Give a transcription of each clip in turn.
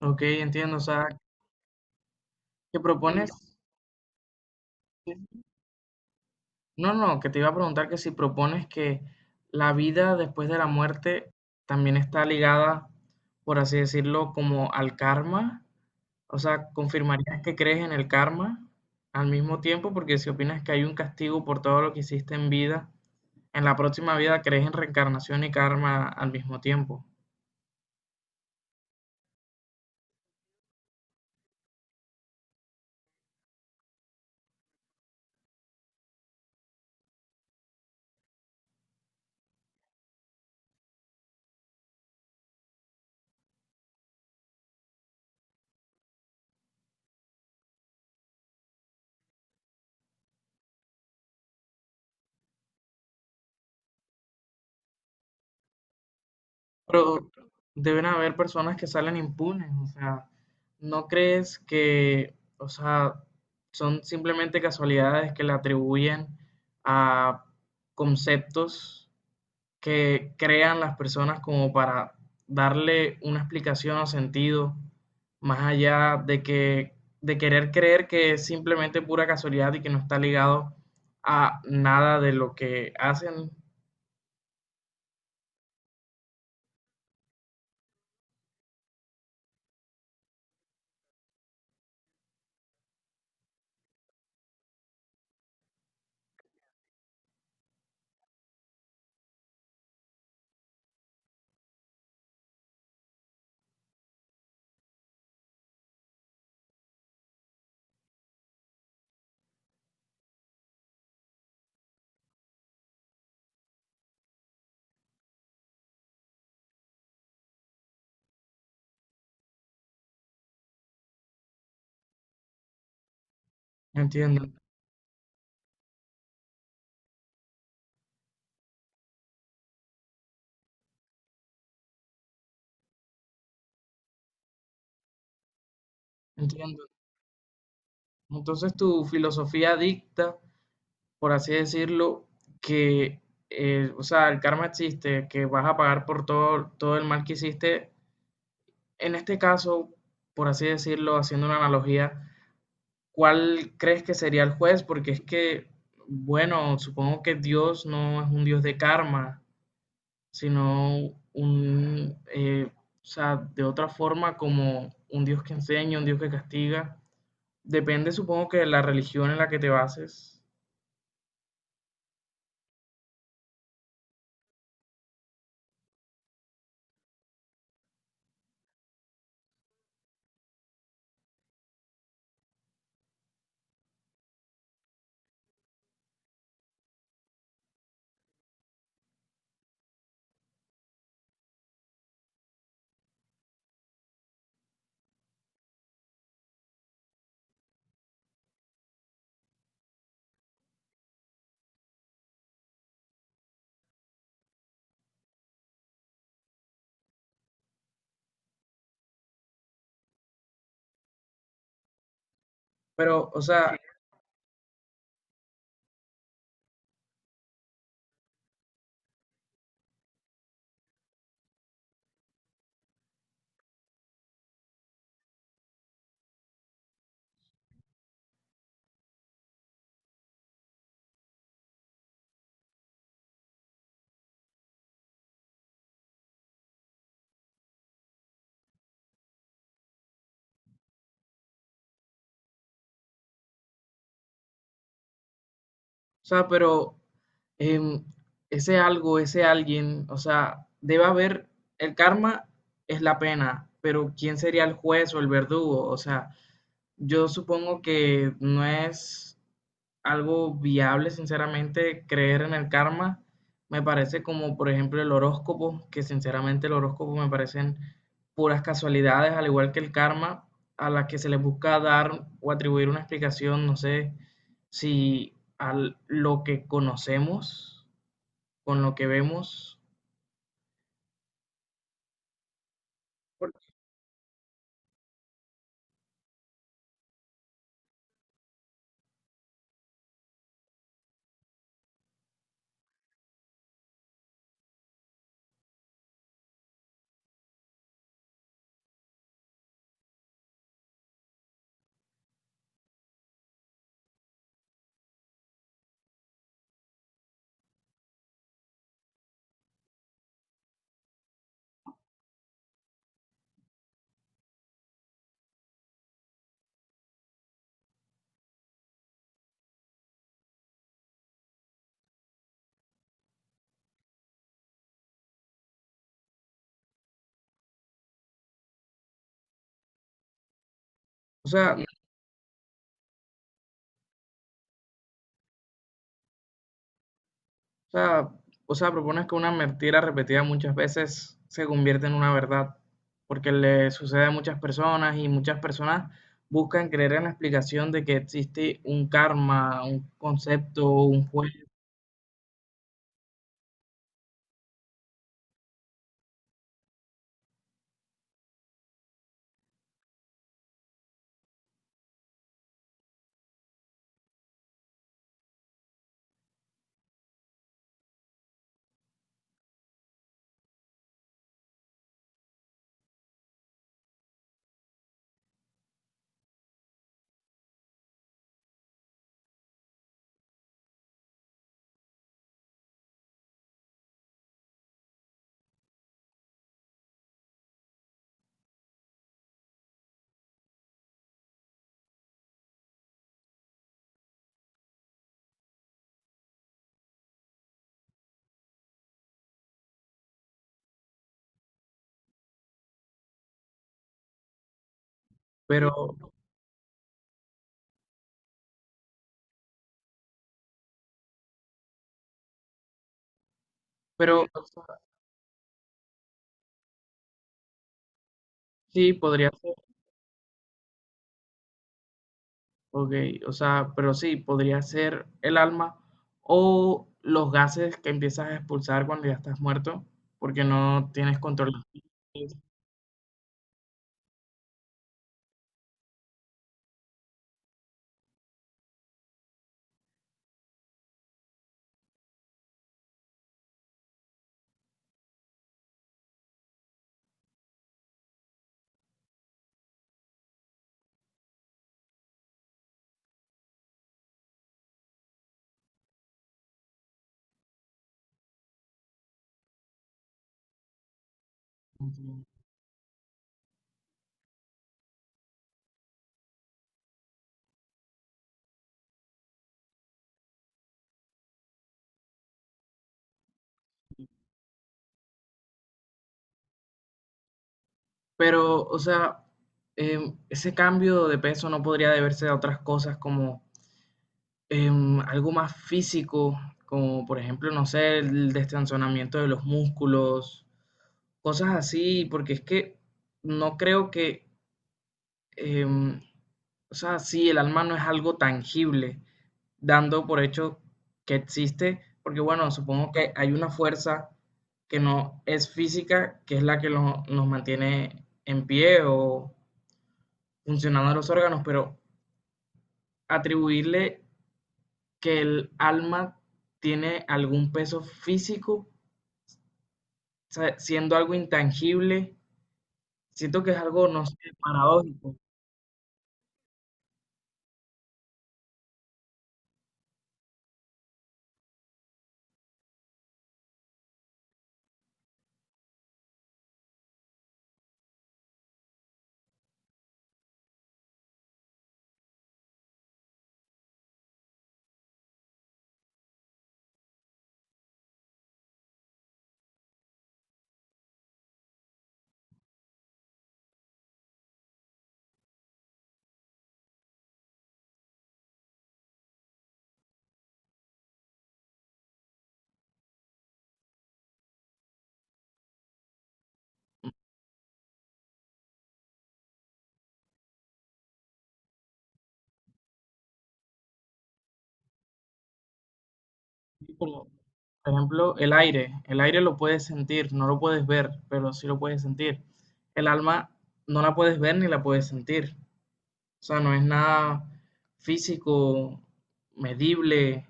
Ok, entiendo. O sea, ¿qué propones? Sí. No, que te iba a preguntar que si propones que la vida después de la muerte también está ligada, por así decirlo, como al karma. O sea, ¿confirmarías que crees en el karma al mismo tiempo? Porque si opinas que hay un castigo por todo lo que hiciste en vida, en la próxima vida crees en reencarnación y karma al mismo tiempo. Pero deben haber personas que salen impunes, o sea, ¿no crees que, o sea, son simplemente casualidades que le atribuyen a conceptos que crean las personas como para darle una explicación o sentido más allá de que de querer creer que es simplemente pura casualidad y que no está ligado a nada de lo que hacen? Entiendo, entiendo. Entonces tu filosofía dicta, por así decirlo, que, o sea, el karma existe, que vas a pagar por todo, todo el mal que hiciste. En este caso, por así decirlo, haciendo una analogía, ¿cuál crees que sería el juez? Porque es que, bueno, supongo que Dios no es un Dios de karma, sino un, eh, o sea, de otra forma como un Dios que enseña, un Dios que castiga. Depende, supongo que de la religión en la que te bases. Pero, o sea, pero em, ese algo, ese alguien, o sea, debe haber, el karma es la pena, pero ¿quién sería el juez o el verdugo? O sea, yo supongo que no es algo viable, sinceramente, creer en el karma. Me parece como, por ejemplo, el horóscopo, que sinceramente el horóscopo me parecen puras casualidades, al igual que el karma, a las que se les busca dar o atribuir una explicación, no sé si a lo que conocemos, con lo que vemos. por- O sea, O sea, o sea, propones que una mentira repetida muchas veces se convierte en una verdad, porque le sucede a muchas personas y muchas personas buscan creer en la explicación de que existe un karma, un concepto, un juego, pero, pero o sea, sí podría ser, ok, o sea, pero sí podría ser el alma o los gases que empiezas a expulsar cuando ya estás muerto, porque no tienes control. De ti. Pero, o sea, ese cambio de peso no podría deberse a otras cosas como algo más físico, como por ejemplo, no sé, el destensionamiento de los músculos, cosas así, porque es que no creo que, em, o sea, sí, el alma no es algo tangible, dando por hecho que existe, porque bueno, supongo que hay una fuerza que no es física, que es la que nos mantiene en pie o funcionando los órganos, pero atribuirle que el alma tiene algún peso físico, o sea, siendo algo intangible, siento que es algo, no sé, paradójico. Como, por ejemplo, el aire. El aire lo puedes sentir, no lo puedes ver, pero sí lo puedes sentir. El alma no la puedes ver ni la puedes sentir. O sea, no es nada físico, medible,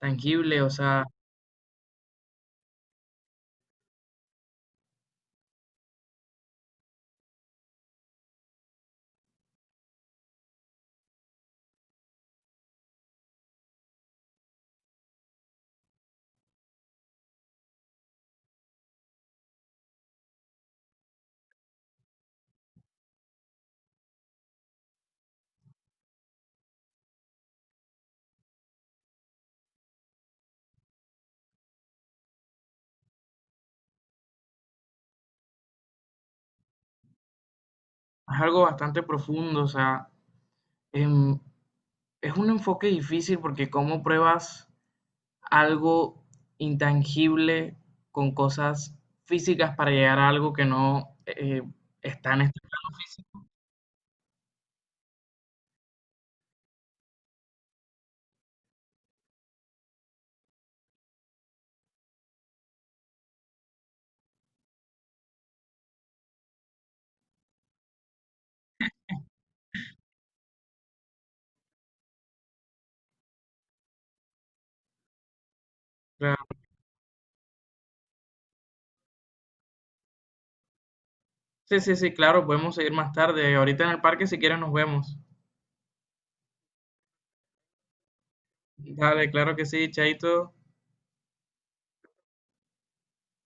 tangible, o sea, es algo bastante profundo, o sea, em, es un enfoque difícil porque cómo pruebas algo intangible con cosas físicas para llegar a algo que no está en este plano físico. Claro. Sí, sí, sí, claro, podemos seguir más tarde. Ahorita en el parque si quieres nos vemos. Dale, claro que sí, Chaito.